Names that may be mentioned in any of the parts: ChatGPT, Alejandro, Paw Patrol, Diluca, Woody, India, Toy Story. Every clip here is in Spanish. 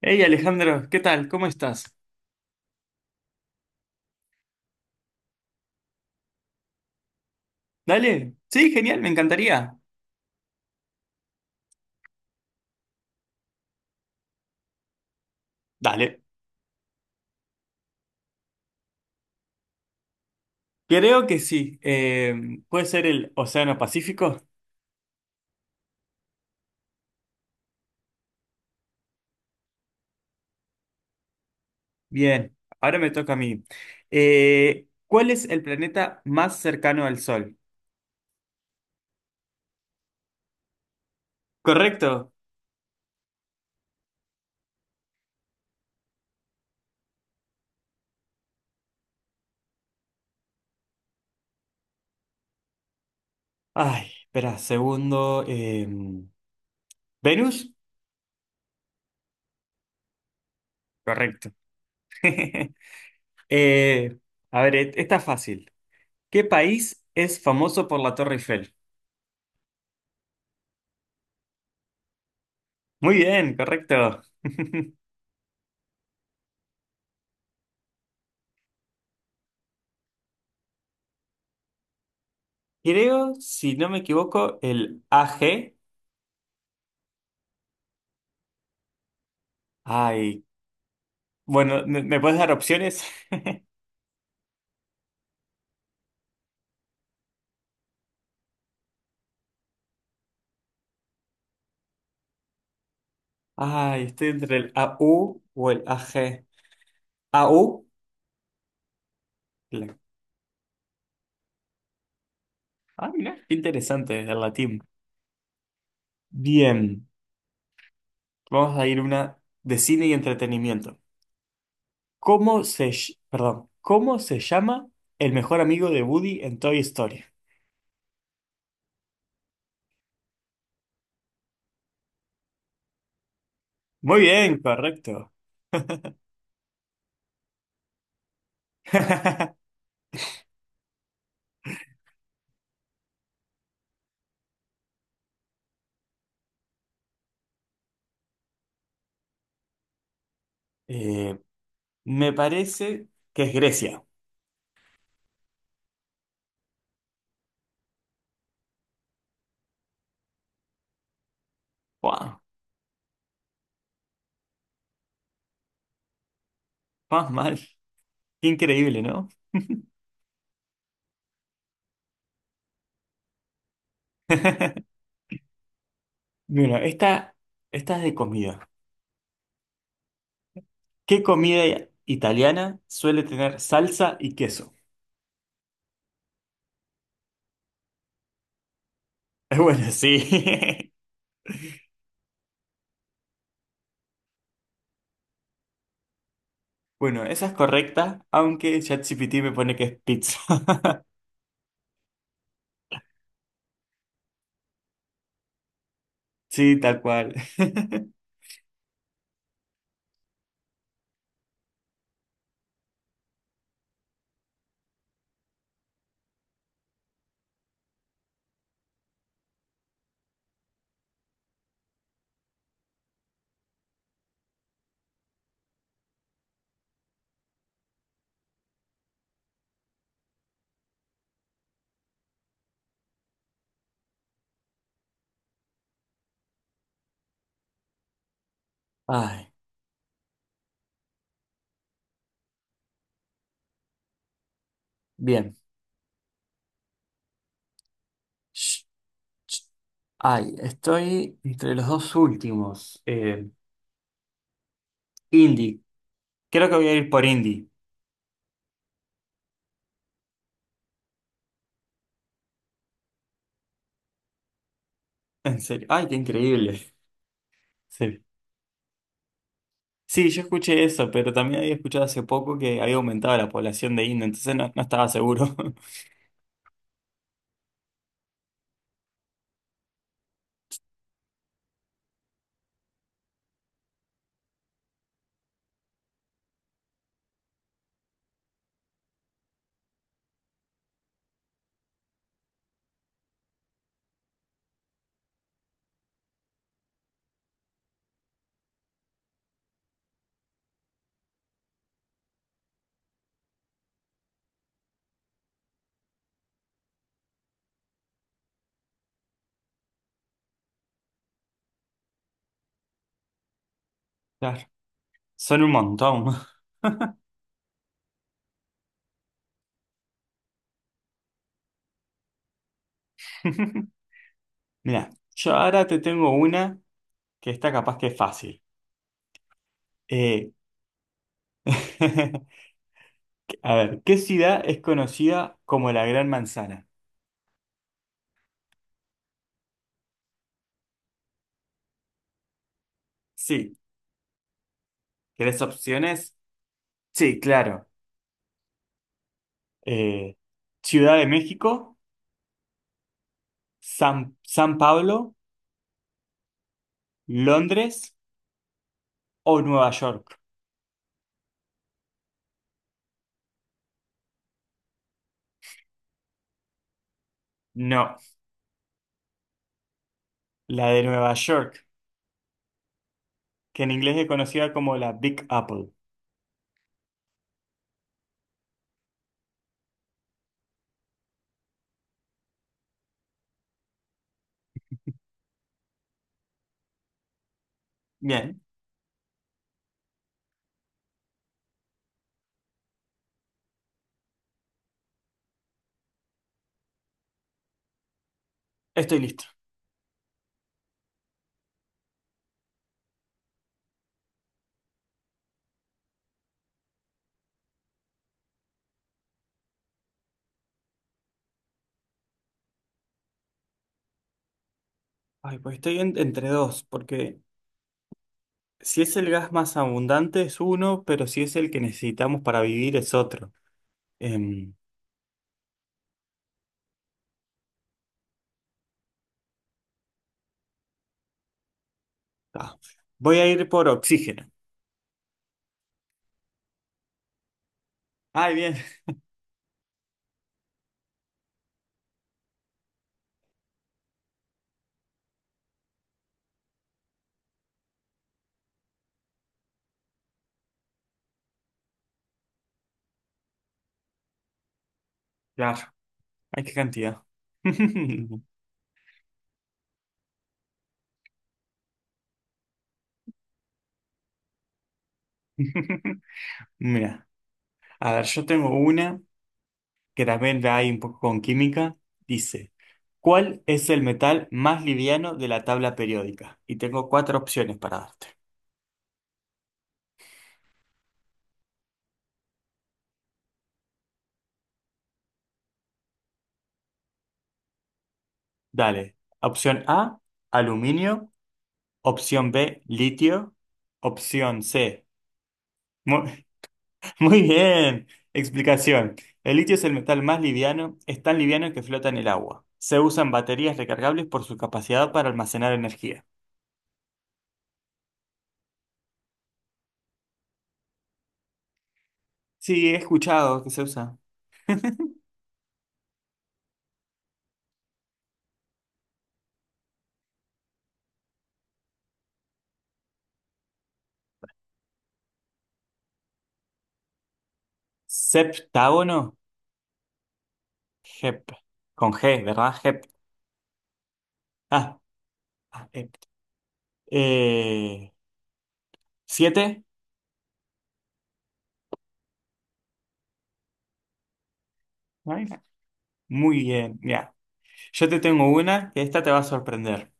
Hey Alejandro, ¿qué tal? ¿Cómo estás? Dale, sí, genial, me encantaría. Dale, creo que sí. ¿Puede ser el Océano Pacífico? Bien, ahora me toca a mí. ¿Cuál es el planeta más cercano al Sol? Correcto. Ay, espera, segundo. ¿Venus? Correcto. Eh, a ver, esta es fácil. ¿Qué país es famoso por la Torre Eiffel? Muy bien, correcto. Creo, si no me equivoco, el AG. Ay, bueno, me puedes dar opciones? Ay, estoy entre el AU o el A AG. AU. la- Ah, mira, qué interesante, el latín. Bien, vamos a ir una de cine y entretenimiento. Perdón, ¿cómo se llama el mejor amigo de Woody en Toy Story? Muy bien, correcto. Eh, me parece que es Grecia. Wow, más mal. Qué increíble, ¿no? Mira, esta es de comida. ¿Qué comida italiana suele tener salsa y queso? Es bueno, sí. Bueno, esa es correcta, aunque ChatGPT me pone que es pizza. Sí, tal cual. Ay, bien. Sh- Ay, estoy entre los dos últimos. Indie. Creo que voy a ir por indie. En serio. Ay, qué increíble. Sí. Sí, yo escuché eso, pero también había escuchado hace poco que había aumentado la población de India, entonces no, no estaba seguro. Claro, son un montón. Mira, yo ahora te tengo una que está capaz que es fácil. Eh, a ver, ¿qué ciudad es conocida como la Gran Manzana? Sí, ¿querés opciones? Sí, claro. Eh, Ciudad de México, San Pablo, Londres o Nueva York. No, la de Nueva York, que en inglés es conocida como la Big Apple. Bien, estoy listo. Ay, pues estoy entre dos, porque si es el gas más abundante es uno, pero si es el que necesitamos para vivir es otro. Em, ah, voy a ir por oxígeno. Ay, bien, claro, hay qué cantidad. Mira, a ver, yo tengo una que también la hay un poco con química. Dice, ¿cuál es el metal más liviano de la tabla periódica? Y tengo cuatro opciones para darte. Dale. Opción A, aluminio. Opción B, litio. Opción C. Mu- Muy bien. Explicación. El litio es el metal más liviano, es tan liviano que flota en el agua. Se usa en baterías recargables por su capacidad para almacenar energía. Sí, he escuchado que se usa. Septágono. Hep. Con G, ¿verdad? Hep. Ah, ah, hep. Eh, ¿Siete? Ay, muy bien. Ya. Yo te tengo una que esta te va a sorprender.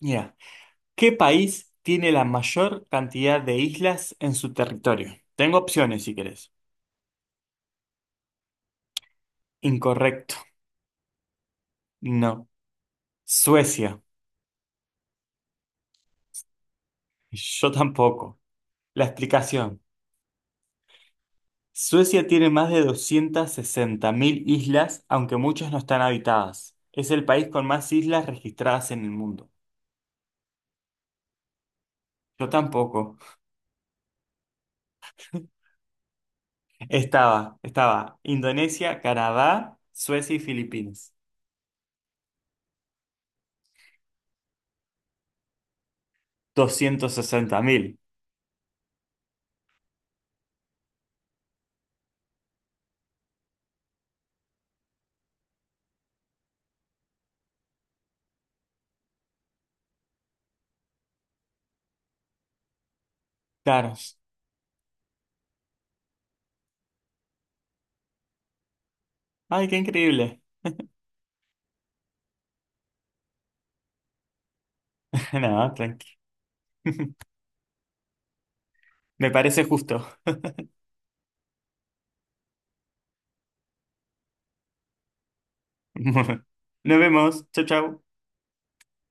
Ya. ¿Qué país tiene la mayor cantidad de islas en su territorio? Tengo opciones si querés. Incorrecto. No. Suecia. Yo tampoco. La explicación. Suecia tiene más de 260.000 islas, aunque muchas no están habitadas. Es el país con más islas registradas en el mundo. Yo tampoco. Estaba Indonesia, Canadá, Suecia y Filipinas. 260.000. Claro. Ay, qué increíble. No, tranquilo. Me parece justo. Nos vemos. Chau, chau.